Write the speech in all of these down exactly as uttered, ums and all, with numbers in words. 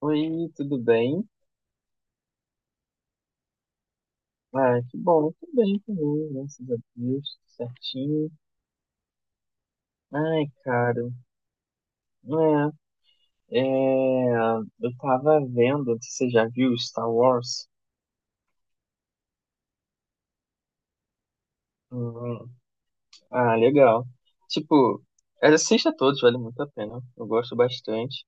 Oi, tudo bem? Ah, que bom, tudo bem também, graças a Deus, tudo certinho. Ai, cara, é, é, eu tava vendo, se você já viu Star Wars? Hum, ah, legal. Tipo, é, assista a todos, vale muito a pena, eu gosto bastante.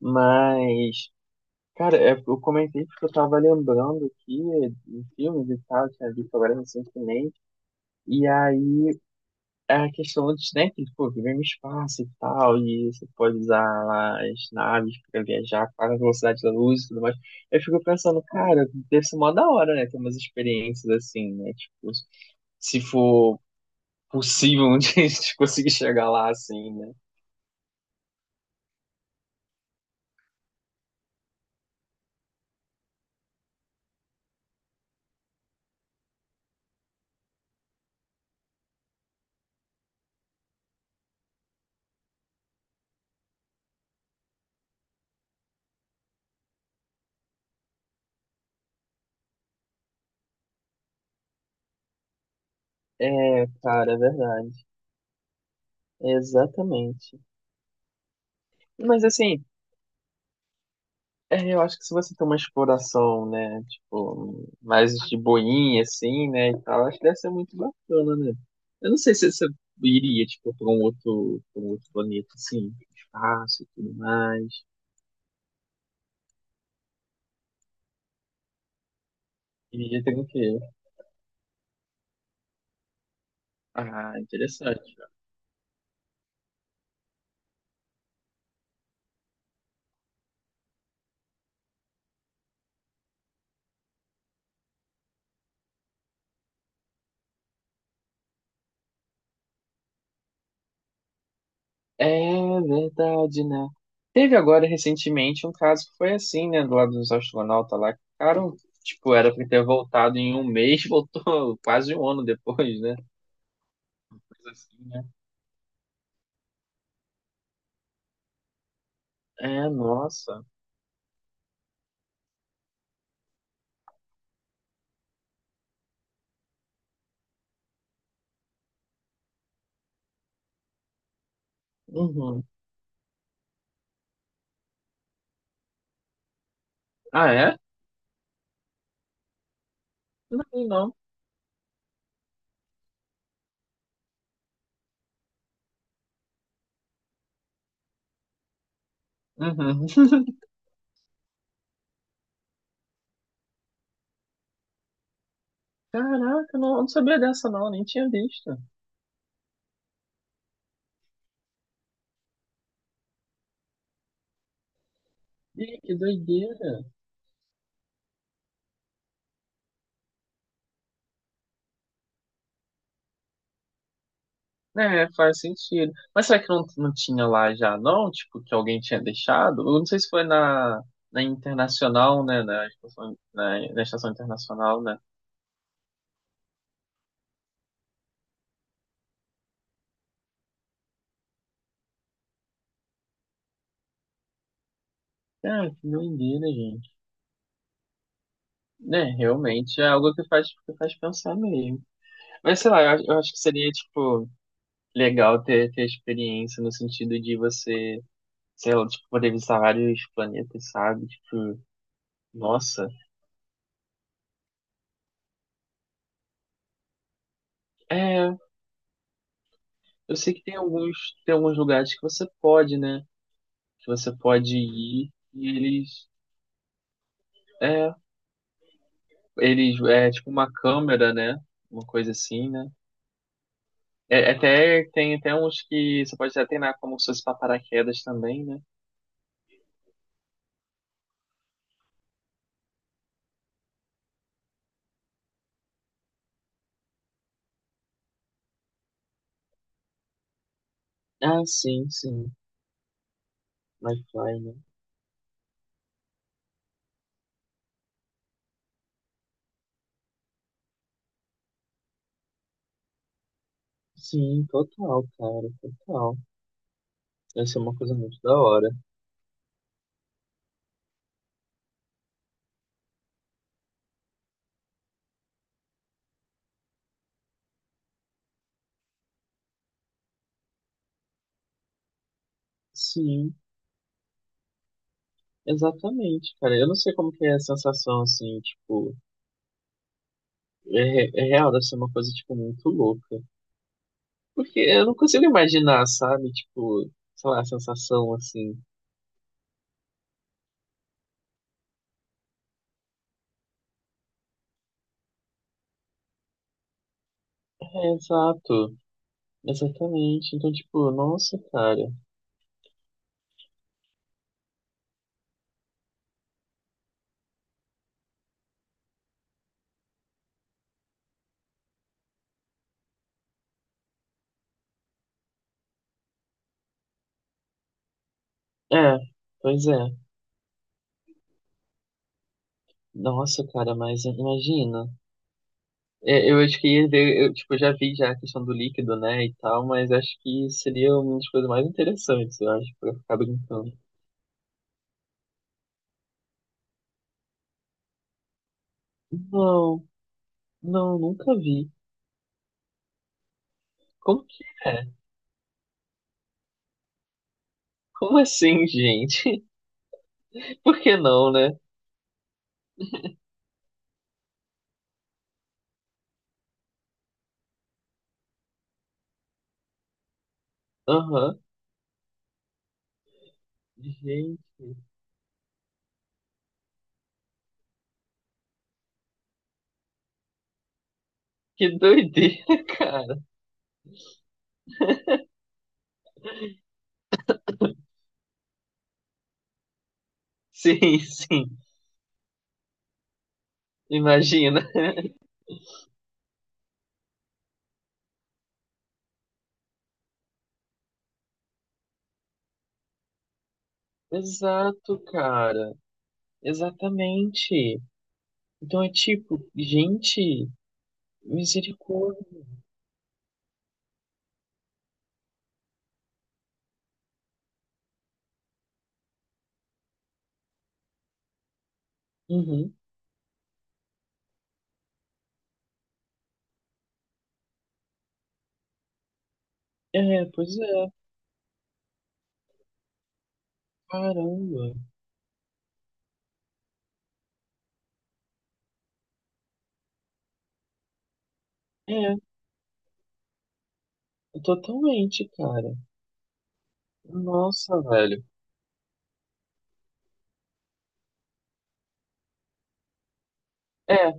Mas, cara, é, eu comentei porque eu tava lembrando aqui de filmes e tal, tinha visto agora recentemente. E aí a questão antes, né? Que, pô, viver no espaço e tal, e você pode usar as naves para viajar para a velocidade da luz e tudo mais. Eu fico pensando, cara, deve ser mó da hora, né? Ter umas experiências assim, né? Tipo, se for possível de a gente conseguir chegar lá assim, né? É, cara, é verdade. Exatamente. Mas assim, é, eu acho que se você tem uma exploração, né, tipo, mais de boinha, assim, né, e tal, acho que deve ser muito bacana, né? Eu não sei se você iria, tipo, pra um outro, pra um outro planeta, assim, espaço e tudo mais. Iria ter o quê? Ah, interessante. É verdade, né? Teve agora, recentemente, um caso que foi assim, né, do lado dos astronautas lá, que ficaram, tipo, era pra ter voltado em um mês, voltou quase um ano depois, né? Coisa assim, né? É, nossa. Uhum. Ah, é? Não, não. Uhum. Caraca, não, eu não sabia dessa não, nem tinha visto. Ih, que doideira. É, faz sentido. Mas será que não, não tinha lá já não? Tipo, que alguém tinha deixado? Eu não sei se foi na, na Internacional, né? Na estação, na, na Estação Internacional, né? Cara, que doideira, gente. Né, realmente é algo que faz, que faz pensar mesmo. Mas sei lá, eu, acho eu acho que seria, tipo, legal ter, ter experiência no sentido de você sei lá, tipo, poder visitar vários planetas, sabe? Tipo, nossa. É, eu sei que tem alguns, tem alguns lugares que você pode, né? Que você pode ir e eles, é, eles, é tipo uma câmera, né? Uma coisa assim, né? É, é até tem até uns que você pode até treinar como se fosse pra paraquedas também, né? Ah, sim, sim. Wi-Fi, né? Sim, total, cara, total. Deve ser uma coisa muito da hora. Sim. Exatamente, cara. Eu não sei como que é a sensação, assim, tipo, é, re- é real, deve ser uma coisa, tipo, muito louca. Porque eu não consigo imaginar, sabe? Tipo, sei lá, a sensação, assim. É, exato, exatamente. Então, tipo, nossa, cara. É, pois é. Nossa, cara, mas imagina. É, eu acho que ia ver, eu, tipo, já vi já a questão do líquido, né, e tal, mas acho que seria uma das coisas mais interessantes, eu acho, pra ficar brincando. Não, não, nunca vi. Como que é? Como assim, gente? Por que não, né? Aham. Gente, que doideira, cara. Sim, sim. Imagina. Exato, cara. Exatamente. Então é tipo, gente, misericórdia. Uhum. É, pois é. Caramba. É, totalmente, cara. Nossa, velho. É,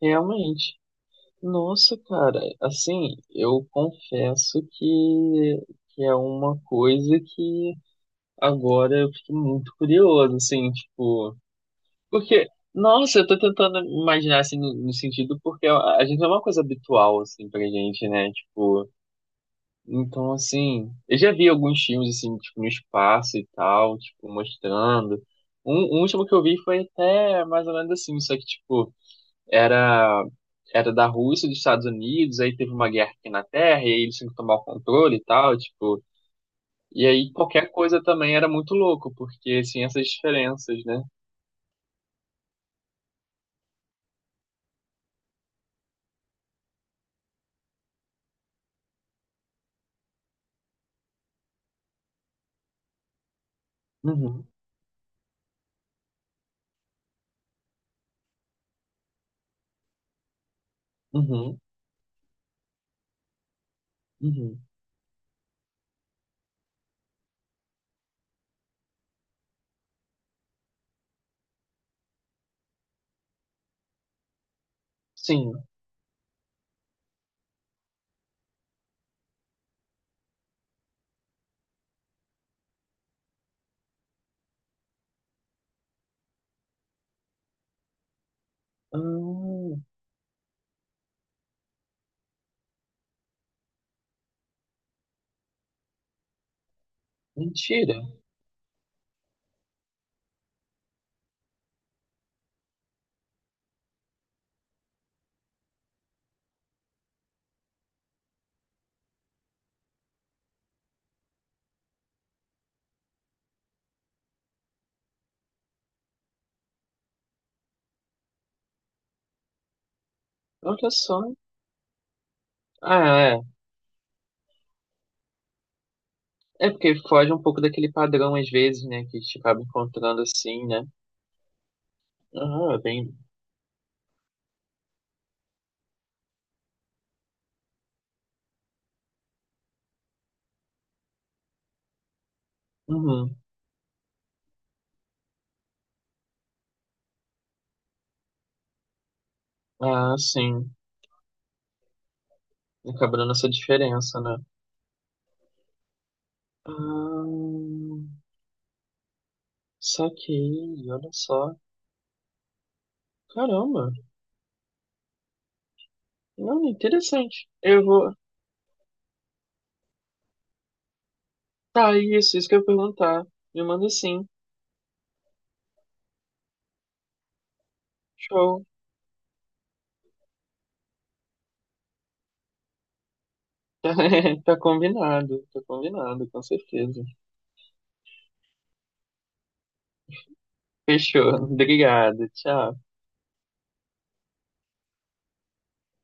realmente. Nossa, cara, assim, eu confesso que, que é uma coisa que agora eu fiquei muito curioso, assim, tipo, porque, nossa, eu tô tentando imaginar, assim, no, no sentido, porque a, a gente é uma coisa habitual, assim, pra gente, né, tipo, então, assim, eu já vi alguns filmes, assim, tipo, no espaço e tal, tipo, mostrando, um, um último que eu vi foi até mais ou menos assim, só que, tipo, era era da Rússia dos Estados Unidos, aí teve uma guerra aqui na Terra, e aí eles tinham que tomar o controle e tal, tipo. E aí qualquer coisa também era muito louco, porque assim, essas diferenças, né? Uhum, uhum, uhum. Sim. Hum, mentira. Olha só. Ah, é. É porque foge um pouco daquele padrão, às vezes, né? Que a gente acaba encontrando assim, né? Ah, é bem. Uhum. Ah, sim. Acaba dando essa diferença, né? Ah, saquei, olha só. Caramba, não, interessante. Eu vou. Tá, isso, isso que eu ia perguntar. Me manda sim. Show. Tá, tá combinado, tá combinado, com certeza. Fechou. Obrigado, tchau.